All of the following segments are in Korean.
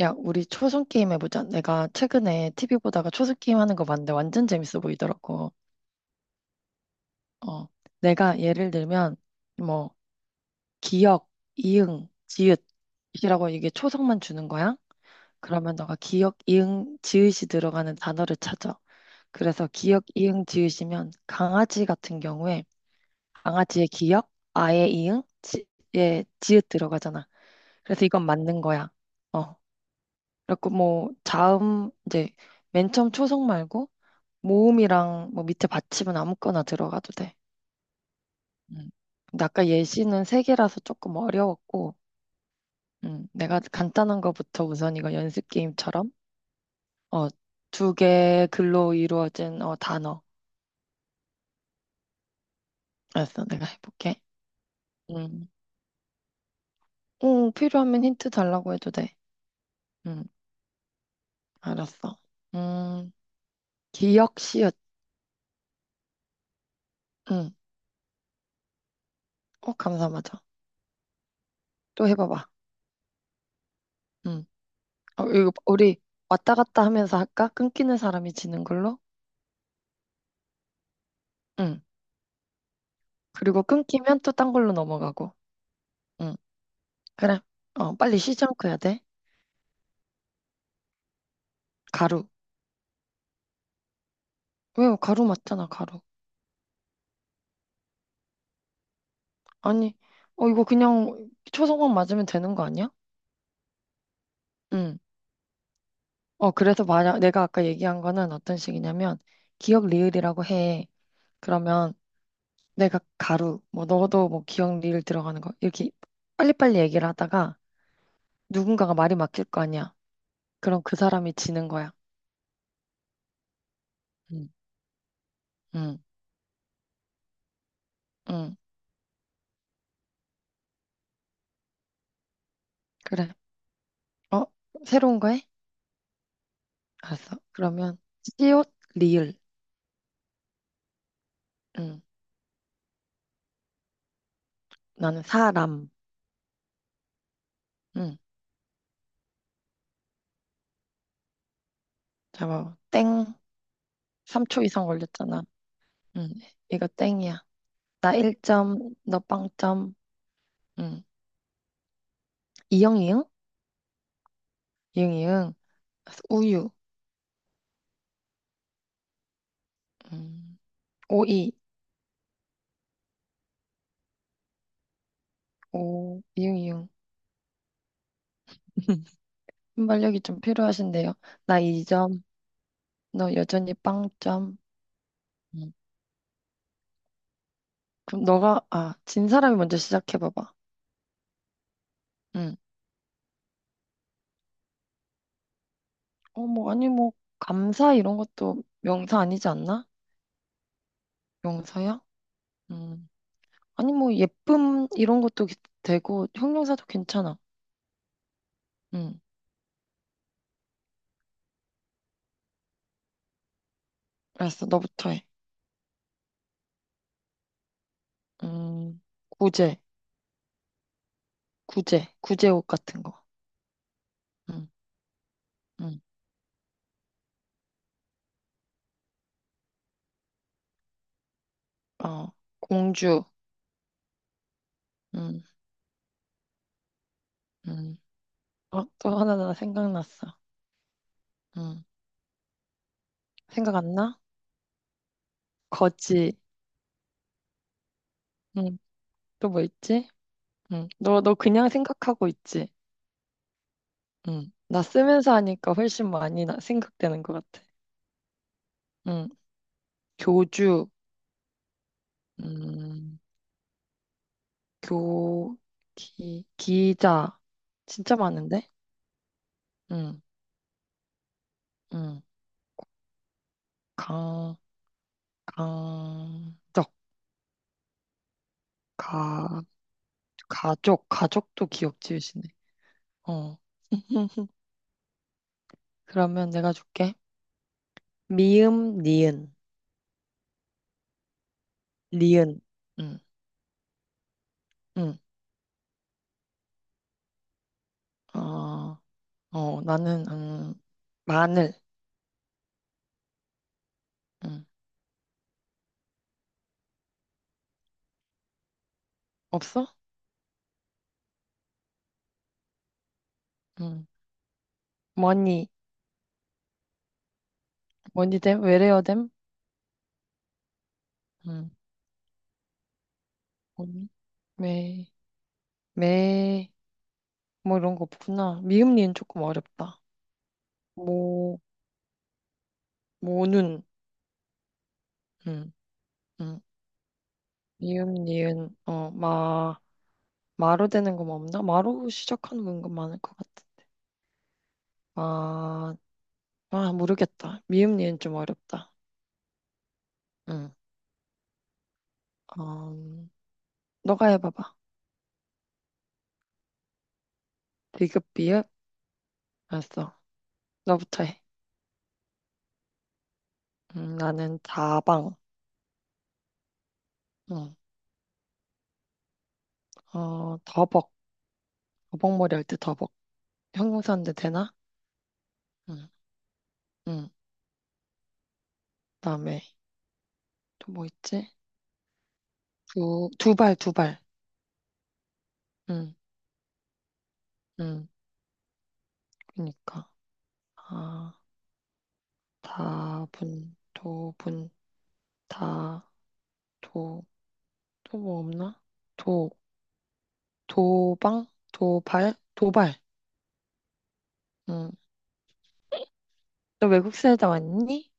야, 우리 초성 게임 해보자. 내가 최근에 TV 보다가 초성 게임 하는 거 봤는데 완전 재밌어 보이더라고. 어, 내가 예를 들면 뭐 기역, 이응, 지읒이라고 이게 초성만 주는 거야. 그러면 너가 기역, 이응, 지읒이 들어가는 단어를 찾아. 그래서 기역, 이응, 지읒이면 강아지 같은 경우에 강아지의 기역, 아의 이응, 지의 지읒 들어가잖아. 그래서 이건 맞는 거야. 어, 그리고 뭐 자음 이제 맨 처음 초성 말고 모음이랑 뭐 밑에 받침은 아무거나 들어가도 돼. 음. 근데 아까 예시는 세 개라서 조금 어려웠고, 내가 간단한 거부터 우선 이거 연습 게임처럼 어, 두 개 글로 이루어진 단어. 알았어, 내가 해볼게. 음, 응, 필요하면 힌트 달라고 해도 돼. 음, 알았어. 음, 기억시읒. 음, 어, 감사하죠. 또 해봐봐. 음, 어, 이거 우리 왔다 갔다 하면서 할까? 끊기는 사람이 지는 걸로? 음. 그리고 끊기면 또 딴 걸로 넘어가고. 응, 그래. 어, 빨리 쉬지 않고 해야 돼. 가루. 왜요? 가루 맞잖아, 가루. 아니, 어, 이거 그냥 초성만 맞으면 되는 거 아니야? 응. 어, 그래서 만약 내가 아까 얘기한 거는 어떤 식이냐면, 기억 리을이라고 해. 그러면 내가 가루, 뭐, 너도 뭐 기억 리을 들어가는 거, 이렇게 빨리빨리 얘기를 하다가 누군가가 말이 막힐 거 아니야. 그럼 그 사람이 지는 거야. 응, 응, 응. 그래. 어, 새로운 거 해? 알았어. 그러면 시옷 리을. 응. 나는 사람. 응. 잡아. 땡. 3초 이상 걸렸잖아. 응. 이거 땡이야. 나 1점, 너 0점. 응. 이응 이응? 이응 이응. 우유. 응. 오이. 오. 이응 이응. 순발력이 좀 필요하신데요. 나 2점. 너 여전히 0점. 응. 그럼 너가 아, 진 사람이 먼저 시작해 봐봐. 응. 어, 뭐 아니 뭐 감사 이런 것도 명사 아니지 않나? 명사야? 음. 아니 뭐 예쁨 이런 것도 되고 형용사도 괜찮아. 음. 알았어. 너부터 해. 음. 구제, 구제, 구제옷 같은 거. 음. 음. 어. 공주. 음. 음. 어, 또 하나 나 생각났어. 음. 생각 안 나? 거지. 음. 또 뭐 있지? 음. 너 그냥 생각하고 있지? 음. 나 쓰면서 하니까 훨씬 많이 생각되는 것 같아. 음. 교주. 음. 교, 기자. 진짜 많은데? 응, 응. 강, 강적, 가, 가족, 가족도 기억 지으시네. 어, 그러면 내가 줄게. 미음, 니은, 리은. 응, 응. 어, 어, 나는, 마늘. 응. 없어? 응. 머니, 머니댐? 외래어댐? 응. 머니? 매, 매, 뭐 이런 거 없구나. 미음, 니은 조금 어렵다. 모, 모눈, 음, 음, 미음, 니은, 어, 마, 마로 되는 거뭐 없나? 마로 시작하는 건 많을 것 같아. 마, 아, 모르겠다. 미음, 니은 좀 어렵다. 응, 음, 너가 해봐봐. 비읍, 비읍? 알았어. 너부터 해. 나는 다방. 응, 어, 더벅. 더벅머리 할 때 더벅. 형용사인데 되나? 응, 응. 그다음에 또 뭐 있지? 두, 두발, 두발. 응, 응. 그니까. 아. 다분, 도분, 다, 도, 또 뭐 없나? 도, 도방, 도발, 도발. 응. 너 외국 살다 왔니?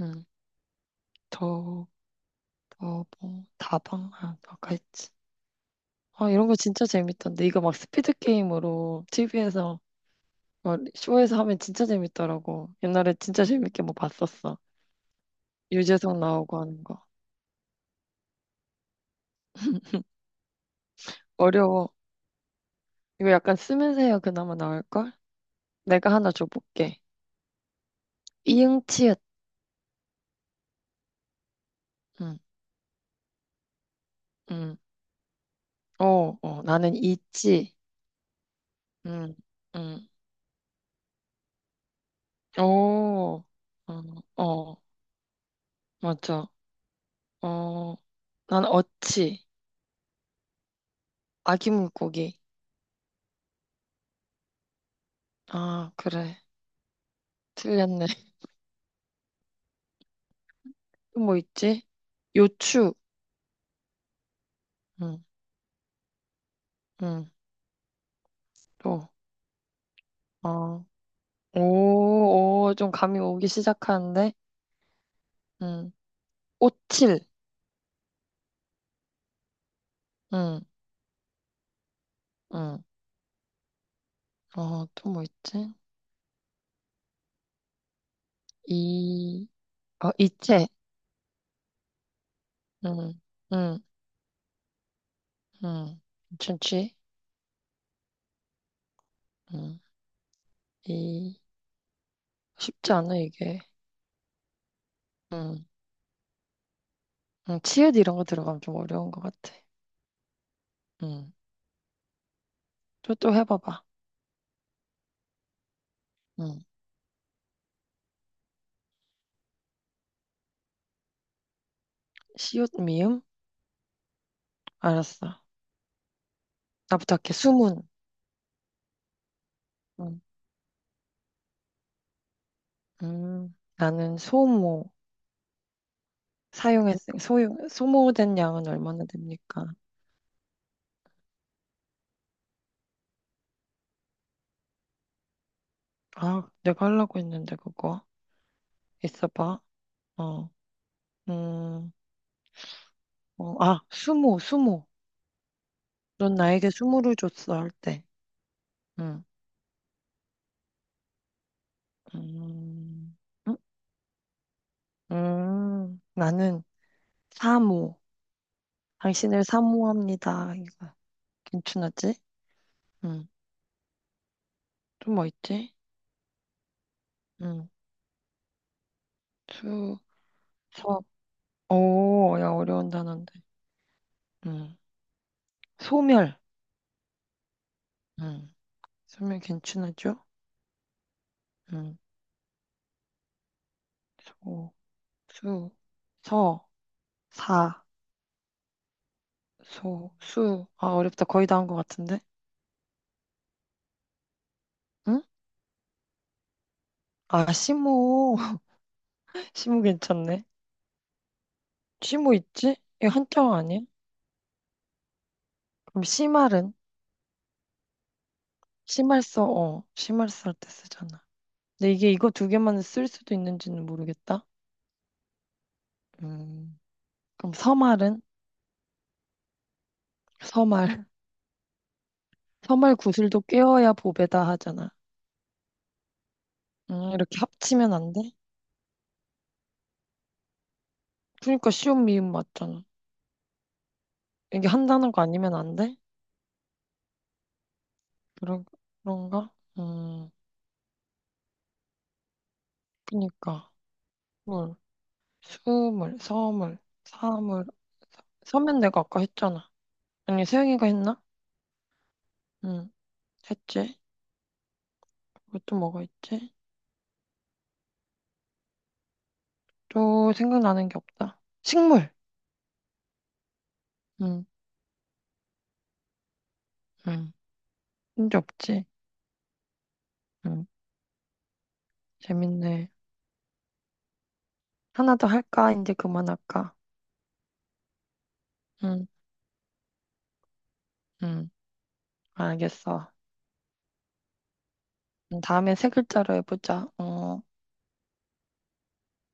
응. 더, 더, 뭐, 다방, 아, 아까 했지. 아, 이런 거 진짜 재밌던데. 이거 막 스피드 게임으로 TV에서, 막 쇼에서 하면 진짜 재밌더라고. 옛날에 진짜 재밌게 뭐 봤었어. 유재석 나오고 하는 거. 어려워. 이거 약간 쓰면서 해야 그나마 나올걸? 내가 하나 줘볼게. 이응치읓. 응. 응. 어, 어, 나는 있지. 응, 응. 오, 어, 어, 맞아. 어, 난 어치. 아기 물고기. 아, 그래. 틀렸네. 또 뭐 있지? 요추. 응, 응, 또. 어, 오, 오, 좀 감이 오기 시작하는데? 응. 오칠. 응, 응. 어, 또 뭐 있지? 이, 어, 이체. 응, 응, 응. 괜찮지? 응, 이. 쉽지 않아, 이게. 음, 치읓 이런 거 들어가면 좀 어려운 것 같아. 음, 또, 또 해봐봐. 음, 시옷 미음? 알았어. 나부터 할게. 수문. 음, 나는 소모. 소모된 양은 얼마나 됩니까? 아, 내가 하려고 했는데, 그거. 있어봐. 어, 음, 어, 아, 수모, 수모. 넌 나에게 수모를 줬어, 할 때. 음, 음, 음, 나는 사모. 당신을 사모합니다. 이거. 괜찮았지? 응. 또 뭐 있지? 응. 수, 서, 오, 야, 어려운 단어인데. 응. 소멸. 응. 소멸 괜찮았죠. 응. 소, 수, 서, 사, 소, 수. 아, 어렵다. 거의 다 한 것 같은데? 응? 아, 시모. 시모 괜찮네. 시모 있지? 이거 한자어 아니야? 그럼 시말은? 시말서, 어. 시말서 할 때 쓰잖아. 근데 이게 이거 두 개만 쓸 수도 있는지는 모르겠다. 음. 그럼 서말은? 서말. 서말 구슬도 꿰어야 보배다 하잖아. 이렇게 합치면 안 돼? 그러니까 쉬운 미음 맞잖아. 이게 한 단어가 아니면 안 돼? 그런, 그런가? 음, 그니까. 물, 수물, 서물, 사물. 서면 내가 아까 했잖아. 아니, 세영이가 했나? 응, 했지. 그것도 뭐가 있지? 또 생각나는 게 없다. 식물! 응, 응. 문제 없지? 응, 재밌네. 하나 더 할까? 이제 그만할까? 응, 응, 알겠어. 다음에 세 글자로 해보자. 어,